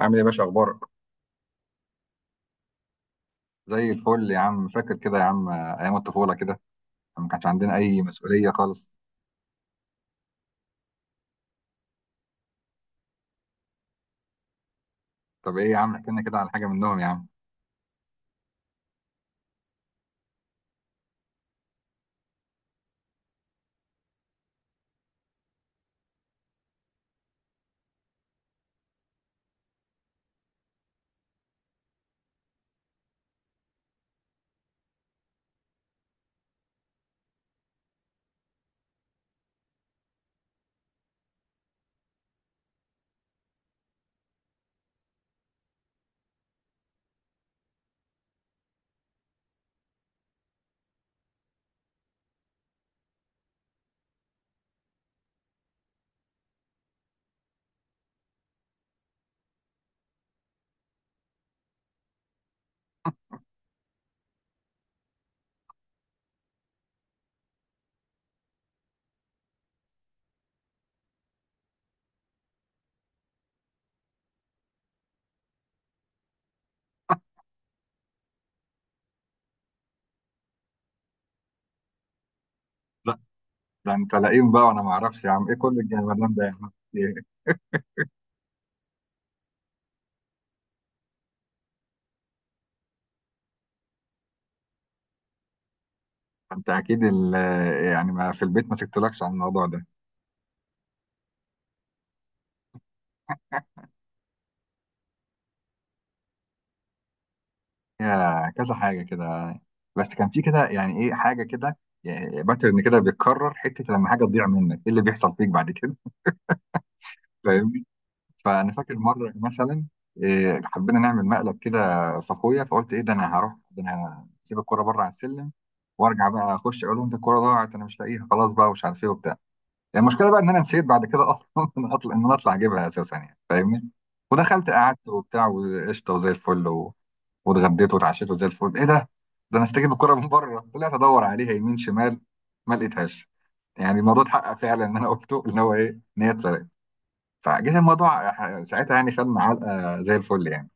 عامل ايه يا باشا اخبارك؟ زي الفل يا عم. فاكر كده يا عم ايام الطفوله كده لما ما كانش عندنا اي مسؤوليه خالص؟ طب ايه يا عم، احكي لنا كده على حاجه منهم يا عم. لا، ده انت لئيم بقى وانا ما اعرفش يا عم ايه كل الجمدان ده يا عم، إيه؟ انت اكيد ال- يعني ما في البيت ما سكتلكش عن الموضوع ده؟ يا كذا حاجه كده، بس كان في كده يعني ايه حاجه كده، باترن كده بيتكرر حته لما حاجه تضيع منك ايه اللي بيحصل فيك بعد كده؟ فاهمني؟ فانا فاكر مره مثلا حبينا نعمل مقلب كده في اخويا، فقلت ايه ده، انا هروح، ده انا هسيب الكوره بره على السلم وارجع بقى اخش اقول لهم ده الكوره ضاعت، انا مش لاقيها خلاص بقى ومش عارف ايه وبتاع. يعني المشكله بقى ان انا نسيت بعد كده اصلا ان اطلع، ان انا اطلع اجيبها اساسا، يعني فاهمني. ودخلت قعدت وبتاع وقشطه وزي الفل و... واتغديت واتعشيت وزي الفل. ايه ده؟ ده انا استجيب الكوره من بره. طلعت ادور عليها يمين شمال، ما لقيتهاش. يعني الموضوع اتحقق فعلا ان انا قلته، ان هو ايه، ان هي اتسرقت. فجيت الموضوع ساعتها يعني خدنا علقه زي الفل يعني.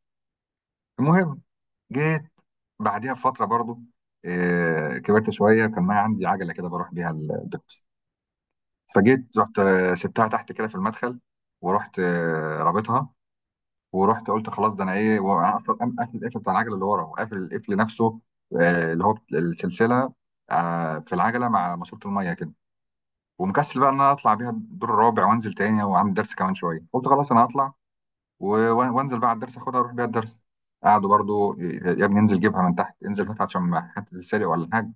المهم، جيت بعديها بفتره برضو، كبرت شويه، كان معايا عندي عجله كده بروح بيها الدروس. فجيت رحت، سبتها تحت كده في المدخل، ورحت رابطها، ورحت قلت خلاص ده انا ايه، وانا اصلا قام قافل القفل بتاع العجله اللي ورا وقافل القفل نفسه، اللي هو السلسله، في العجله مع ماسوره الميه كده. ومكسل بقى ان انا اطلع بيها الدور الرابع وانزل تاني وعندي درس كمان شويه، قلت خلاص انا هطلع وانزل بقى على الدرس اخدها اروح بيها الدرس. قعدوا برضو يا ابني انزل جيبها من تحت، انزل هاتها عشان ما حد سرق ولا حاجه.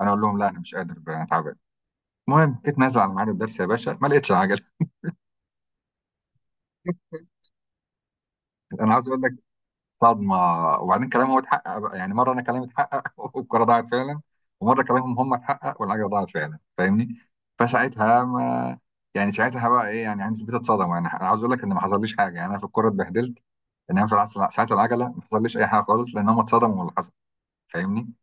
انا اقول لهم لا انا مش قادر انا تعبان. المهم جيت نازل على ميعاد الدرس يا باشا، ما لقيتش العجله. انا عاوز اقول لك صدمه. وبعدين كلامهم اتحقق بقى. يعني مره انا كلامي اتحقق والكره ضاعت فعلا، ومره كلامهم هم اتحقق والعجله ضاعت فعلا، فاهمني؟ فساعتها ما يعني ساعتها بقى ايه، يعني عندي في البيت اتصدم، يعني انا عاوز اقول لك ان ما حصليش حاجه يعني انا في الكوره اتبهدلت، انما في العصر ساعه العجله ما حصليش اي حاجه خالص لان هم اتصدموا من اللي حصل، فاهمني؟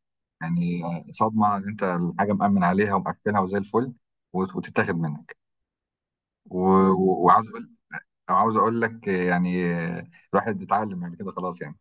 يعني صدمه ان انت الحاجه مأمن عليها ومقفلها وزي الفل وتتاخد منك، و وعاوز اقول لك يعني الواحد اتعلم بعد كده خلاص يعني.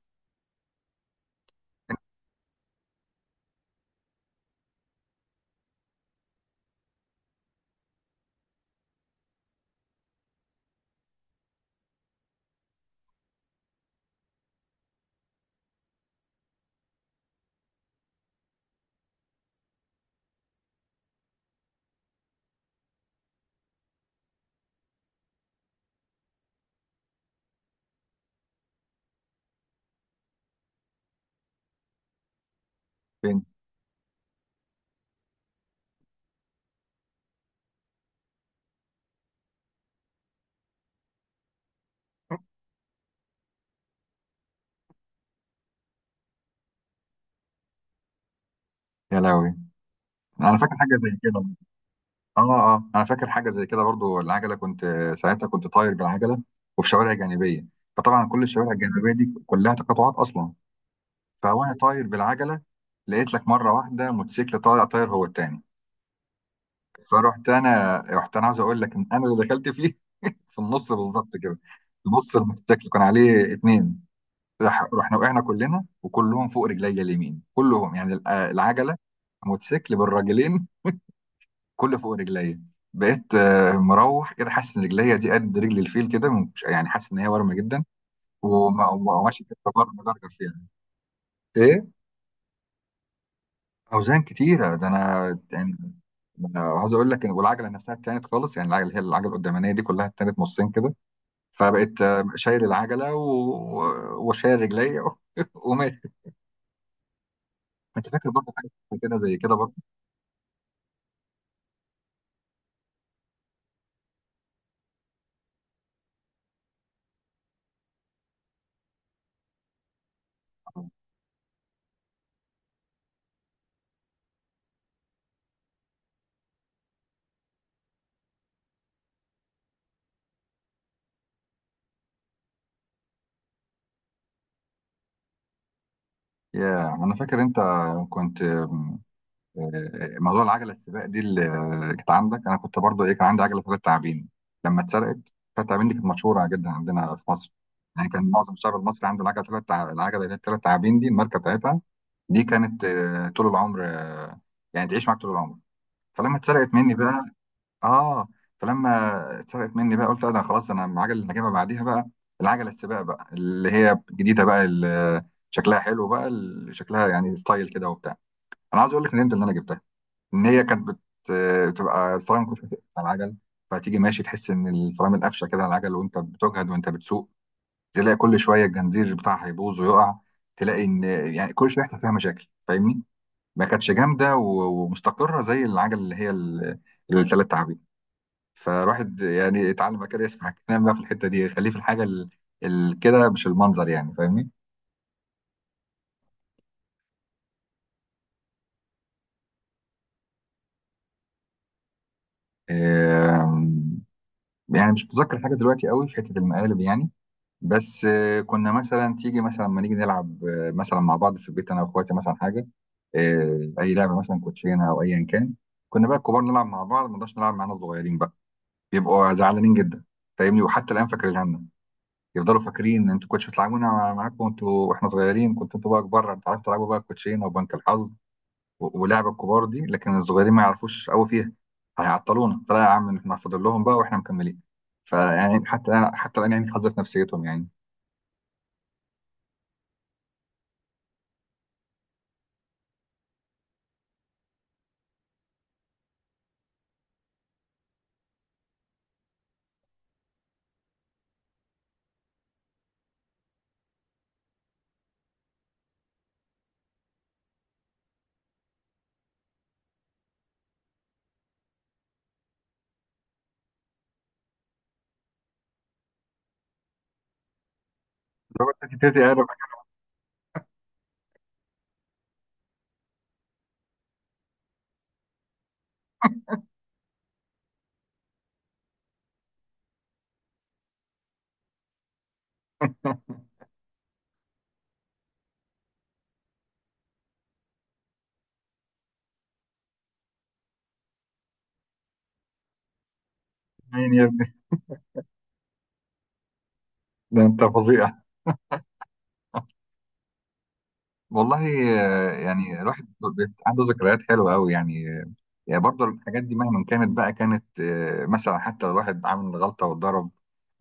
فين؟ يا لهوي، انا فاكر حاجه زي كده. اه، اه، انا فاكر حاجه زي كده برضو، العجله كنت ساعتها كنت طاير بالعجله وفي شوارع جانبيه، فطبعا كل الشوارع الجانبيه دي كلها تقاطعات اصلا. فوانا طاير بالعجله، لقيت لك مره واحده موتوسيكل طالع طاير هو التاني. فرحت انا رحت انا عاوز اقول لك ان انا اللي دخلت فيه في النص بالظبط كده. نص الموتوسيكل كان عليه اتنين. رحنا وقعنا كلنا، وكلهم فوق رجليا اليمين كلهم، يعني العجله الموتوسيكل بالراجلين كله فوق رجليا. بقيت مروح كده حاسس ان رجليا دي قد رجل الفيل كده، يعني حاسس ان هي ورمه جدا، وماشي كده بجرجر فيها. ايه؟ اوزان كتيره ده انا يعني. أنا عاوز اقول لك والعجله نفسها اتانت خالص، يعني العجله اللي هي العجله القدامانيه دي كلها اتانت نصين كده. فبقيت شايل العجله و... وشايل رجليا وماشي. انت فاكر برضه حاجه كده زي كده برضه؟ يا انا فاكر انت كنت آم، آه، موضوع العجله السباق دي اللي كانت عندك. انا كنت برضه ايه، كان عندي عجله ثلاث تعابين لما اتسرقت. ثلاث تعابين دي كانت مشهوره جدا عندنا في مصر. يعني كان معظم الشعب المصري عنده العجله ثلاث تع... العجله اللي هي الثلاث تعابين دي الماركه بتاعتها. دي كانت طول العمر، يعني تعيش معاك طول العمر. فلما اتسرقت مني بقى، اه، فلما اتسرقت مني بقى قلت لا، ده خلاص انا العجله اللي هجيبها بعديها بقى العجله السباق بقى اللي هي الجديده بقى، اللي شكلها حلو بقى، اللي شكلها يعني ستايل كده وبتاع. انا عايز اقول لك ندمت ان انا جبتها. ان هي كانت بت... بتبقى الفرامل كنت على العجل، فتيجي ماشي تحس ان الفرامل قفشه كده على العجل وانت بتجهد وانت بتسوق. تلاقي كل شويه الجنزير بتاعها هيبوظ ويقع، تلاقي ان يعني كل شويه يحصل فيها مشاكل، فاهمني؟ ما كانتش جامده ومستقره زي العجل اللي هي الثلاث تعابين. فالواحد يعني اتعلم كده يسمع الكلام بقى في الحته دي، خليه في الحاجه ال... ال... كده مش المنظر، يعني فاهمني؟ آم، يعني مش متذكر حاجه دلوقتي قوي في حته المقالب يعني، بس كنا مثلا تيجي مثلا لما نيجي نلعب، مثلا مع بعض في البيت انا واخواتي مثلا حاجه، اي لعبه مثلا كوتشينه او ايا كان. كنا بقى الكبار نلعب مع بعض، ما نقدرش نلعب مع ناس صغيرين بقى، بيبقوا زعلانين جدا، فاهمني؟ وحتى الان فاكرينها لنا. يفضلوا فاكرين انتوا كنتش بتلعبونا معاكم انتوا واحنا صغيرين، كنتوا انتوا بقى كبار بتعرفوا تلعبوا بقى الكوتشينه وبنك الحظ ولعب الكبار دي، لكن الصغيرين ما يعرفوش قوي فيها، هيعطلونا، فلا يا عم احنا فاضل لهم بقى واحنا مكملين. فيعني حتى الان حتى الان يعني حظ في نفسيتهم يعني. لو انت تيتي قالوا. مين يا ابني؟ ده انت فظيع، والله. يعني الواحد عنده ذكريات حلوه قوي يعني. يعني برضه الحاجات دي مهما كانت بقى، كانت مثلا حتى لو واحد عامل غلطة واتضرب،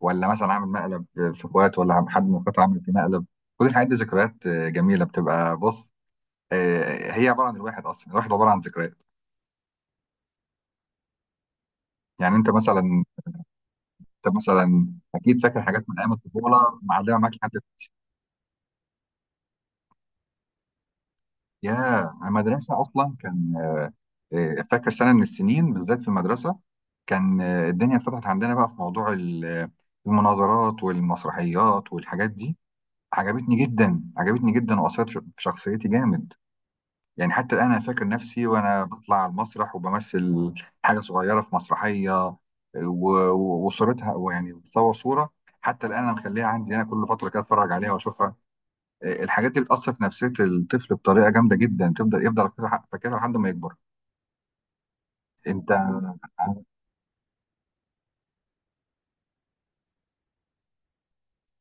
ولا مثلا عامل مقلب في اخوات، ولا حد من اخواته عامل في مقلب، كل الحاجات دي ذكريات جميلة، بتبقى بص، هي عبارة عن الواحد أصلا، الواحد عبارة عن ذكريات. يعني أنت مثلا، أنت مثلا أكيد فاكر حاجات من أيام الطفولة معلمة معاك لحد. يا المدرسة أصلا كان، فاكر سنة من السنين بالذات في المدرسة كان، الدنيا اتفتحت عندنا بقى في موضوع المناظرات والمسرحيات والحاجات دي. عجبتني جدا واثرت في في شخصيتي جامد. يعني حتى الان انا فاكر نفسي وانا بطلع على المسرح وبمثل حاجه صغيره في مسرحيه وصورتها، ويعني بتصور صوره، حتى الان انا مخليها عندي، انا كل فتره كده اتفرج عليها واشوفها. الحاجات دي بتاثر في نفسيه الطفل بطريقه جامده جدا، بتفضل يفضل فاكرها فاكرها لحد ما يكبر. انت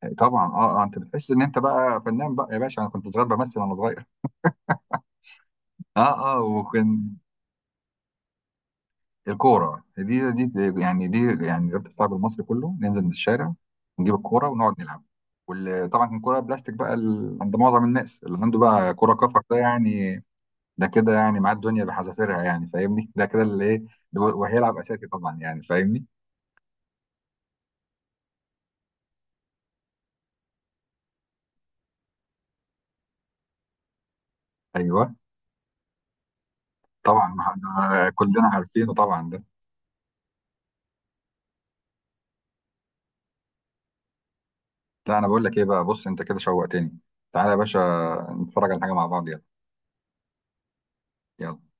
طبعا، اه، اه، انت بتحس ان انت بقى فنان بقى يا باشا، انا كنت صغير بمثل وانا صغير. اه، اه، وكان الكورة دي دي، يعني دي يعني رياضة الشعب المصري كله، ننزل من الشارع نجيب الكورة ونقعد نلعب. وطبعا كان كورة بلاستيك بقى، عند معظم الناس اللي عنده بقى كورة كفر ده يعني، ده كده يعني معاه الدنيا بحذافيرها، يعني فاهمني، ده كده اللي ايه وهيلعب أساسي طبعا، يعني فاهمني. ايوه، طبعا ما احنا كلنا عارفينه طبعا ده. لا انا بقول لك ايه بقى، بص انت كده شوقتني، تعالى يا باشا نتفرج على حاجة مع بعض، يلا. يلا.